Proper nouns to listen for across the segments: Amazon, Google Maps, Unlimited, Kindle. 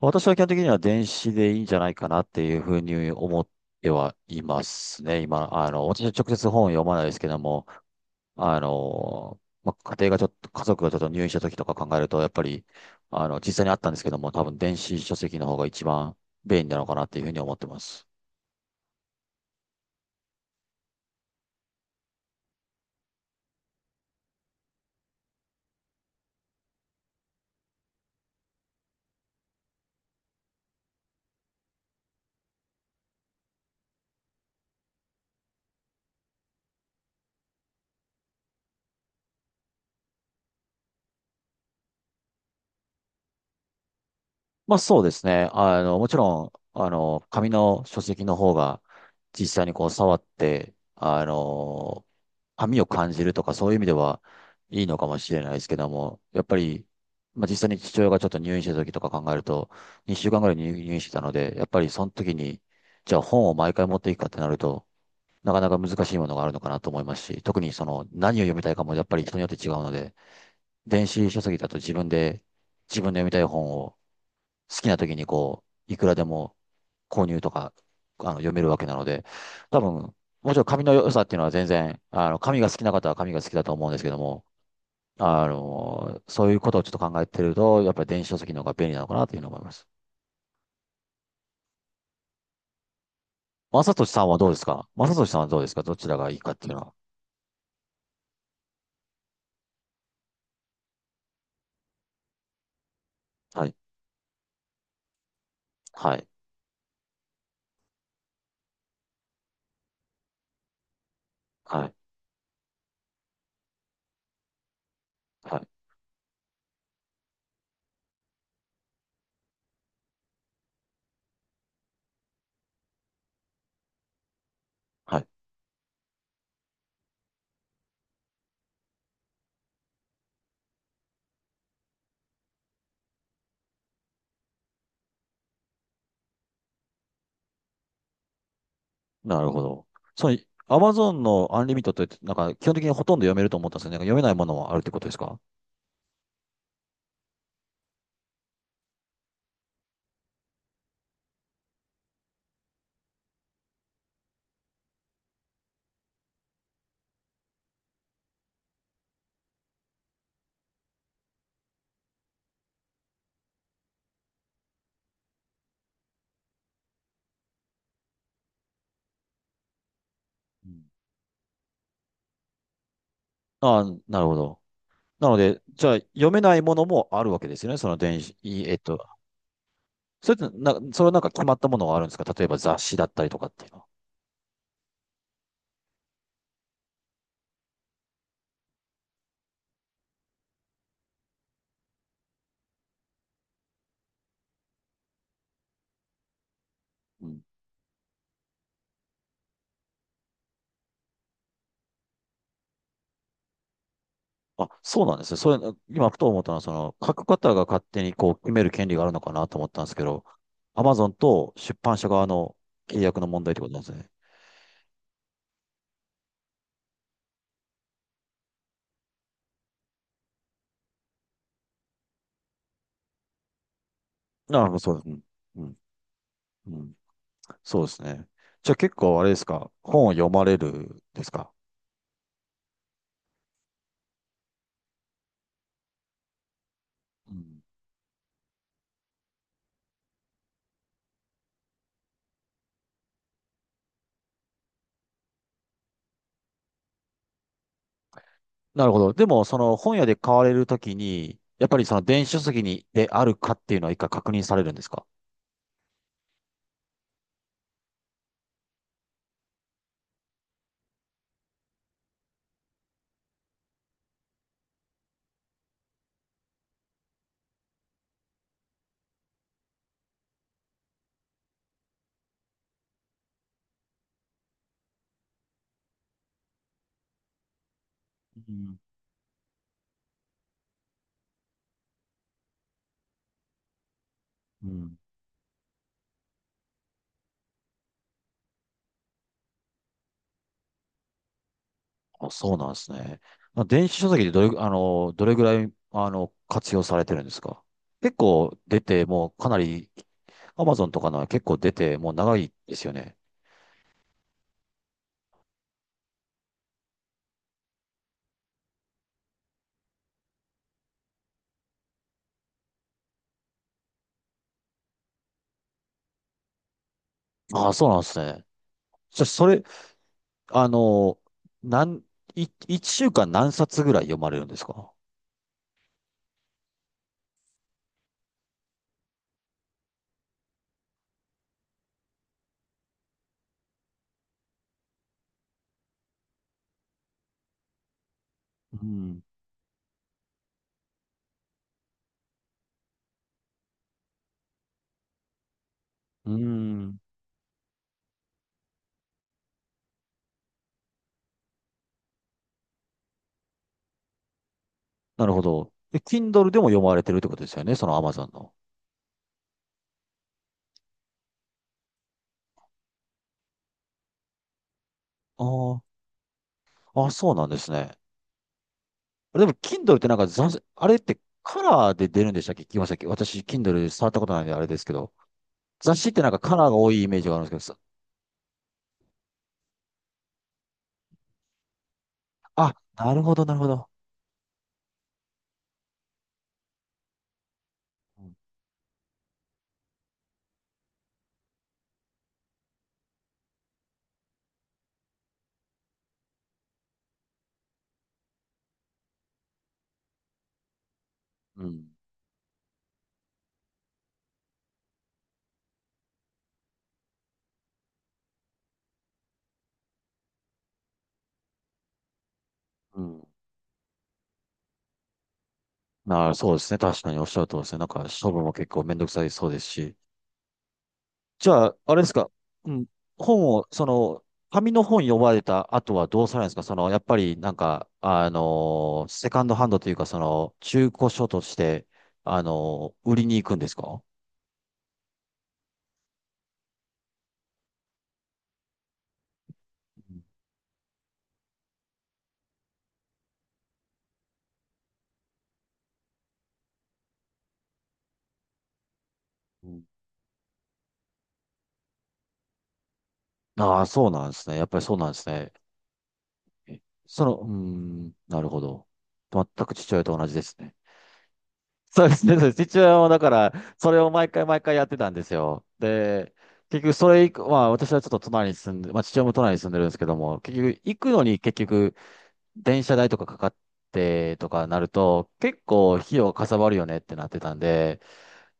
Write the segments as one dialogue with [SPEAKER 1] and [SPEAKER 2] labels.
[SPEAKER 1] 私は基本的には電子でいいんじゃないかなっていうふうに思ってはいますね。今、私は直接本を読まないですけども、あの、家族がちょっと入院した時とか考えると、やっぱり、あの、実際にあったんですけども、多分電子書籍の方が一番便利なのかなっていうふうに思ってます。まあそうですね。もちろん、紙の書籍の方が実際にこう触って、紙を感じるとかそういう意味ではいいのかもしれないですけども、やっぱり、まあ実際に父親がちょっと入院した時とか考えると、2週間ぐらい入院してたので、やっぱりその時に、じゃあ本を毎回持っていくかってなると、なかなか難しいものがあるのかなと思いますし、特にその何を読みたいかもやっぱり人によって違うので、電子書籍だと自分で、自分の読みたい本を好きな時にこう、いくらでも購入とか、読めるわけなので、多分、もちろん紙の良さっていうのは全然、紙が好きな方は紙が好きだと思うんですけども、あの、そういうことをちょっと考えてると、やっぱり電子書籍の方が便利なのかなというふうに思います。正俊さんはどうですか正俊さんはどうですかどちらがいいかっていうのは。はい。はい。はい。はい。はい。なるほど。そう、アマゾンのアンリミットって、なんか基本的にほとんど読めると思ったんですよね。なんか読めないものもあるってことですか？うん。ああ、なるほど。なので、じゃあ読めないものもあるわけですよね。その電子、いえっと、それはなんか決まったものがあるんですか？例えば雑誌だったりとかっていうのは。うん。あ、そうなんですね。それ、今ふと思ったのは、その、書く方が勝手にこう決める権利があるのかなと思ったんですけど、アマゾンと出版社側の契約の問題ってことなんですね。なるほど、そうです。うん。うん。うん。そうですね。じゃあ結構あれですか？本を読まれるですか？うん。なるほど。でも、その本屋で買われるときに、やっぱりその電子書籍にであるかっていうのは一回確認されるんですか？うん。うん。あ、そうなんですね。まあ電子書籍であの、どれぐらい、あの、活用されてるんですか？結構出て、もうかなり、アマゾンとかのは結構出て、もう長いですよね。ああ、そうなんですね。じゃあ、それ、あの、なん、一週間何冊ぐらい読まれるんですか？うん。うん。なるほど。え、Kindle でも読まれてるってことですよね、その Amazon の。ああ、あ、そうなんですね。でも Kindle ってなんか雑誌、あれってカラーで出るんでしたっけ？聞きましたっけ？私、Kindle で触ったことないんであれですけど。雑誌ってなんかカラーが多いイメージがあるんですけど、あ、なるほど、なるほど。うん、うん。なあ、そうですね。確かにおっしゃるとおりですね。なんか、処分も結構めんどくさいそうですし。じゃあ、あれですか、うん、本を、その、紙の本読まれた後はどうされるんですか？その、やっぱりなんか、あのーセカンドハンドというか、その、中古書として、あのー売りに行くんですか？うん。ああー、そうなんですね。やっぱりそうなんですね。その、うーん、なるほど。全く父親と同じですね。そうですね、そうです。一応、だから、それを毎回毎回やってたんですよ。で、結局、それ以降、まあ、私はちょっと隣に住んで、まあ、父親も隣に住んでるんですけども、結局、行くのに結局、電車代とかかかってとかなると、結構、費用がかさばるよねってなってたんで、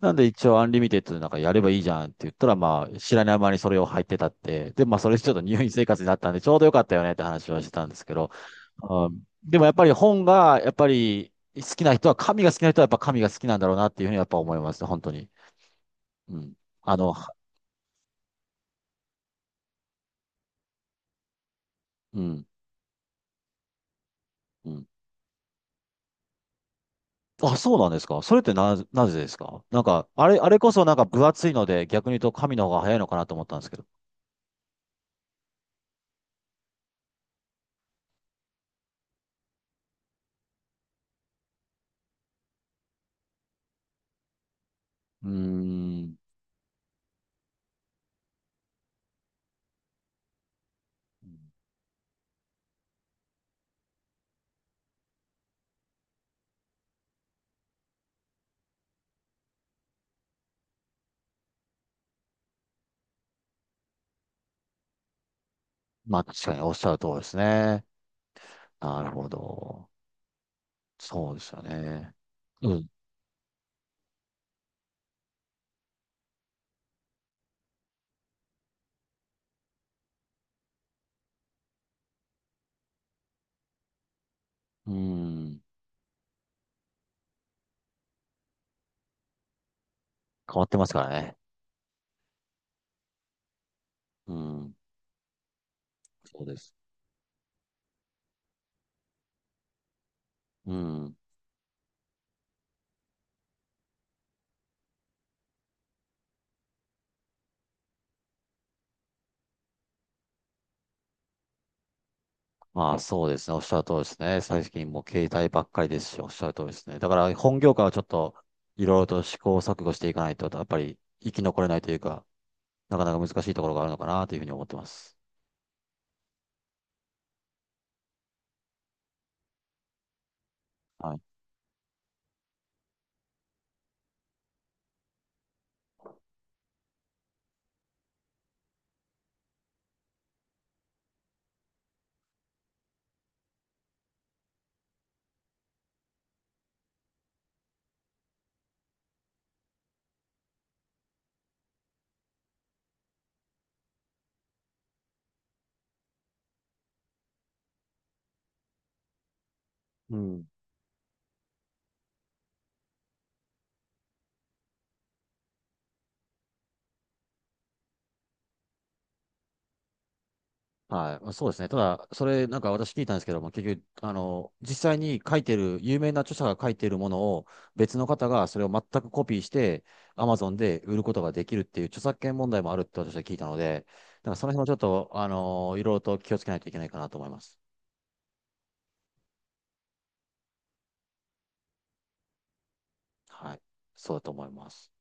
[SPEAKER 1] なんで一応、アンリミテッドでなんかやればいいじゃんって言ったら、まあ、知らない間にそれを入ってたって、で、まあ、それちょっと入院生活になったんで、ちょうどよかったよねって話はしてたんですけど、あーでもやっぱり本が、やっぱり好きな人は、神が好きな人はやっぱ神が好きなんだろうなっていうふうにやっぱ思います、本当に。うん。あの、はうん、うん。あ、そうなんですか？それってな、なぜですか？なんか、あれこそなんか分厚いので、逆に言うと神の方が早いのかなと思ったんですけど。うーん。まあ確かにおっしゃる通りですね。なるほど。そうですよね。うん。うん。変わってますからね。うん。そうです。うん。まあそうですね。おっしゃる通りですね。最近もう携帯ばっかりですし、おっしゃる通りですね。だから本業界はちょっといろいろと試行錯誤していかないと、やっぱり生き残れないというか、なかなか難しいところがあるのかなというふうに思ってます。はい。うん。はい、そうですね。ただ、それ、なんか私聞いたんですけども、結局、あの、実際に書いてる、有名な著者が書いてるものを、別の方がそれを全くコピーして、Amazon で売ることができるっていう著作権問題もあるって私は聞いたので、だからその辺もちょっと、あの、いろいろと気をつけないといけないかなと思います。はい、そうだと思います。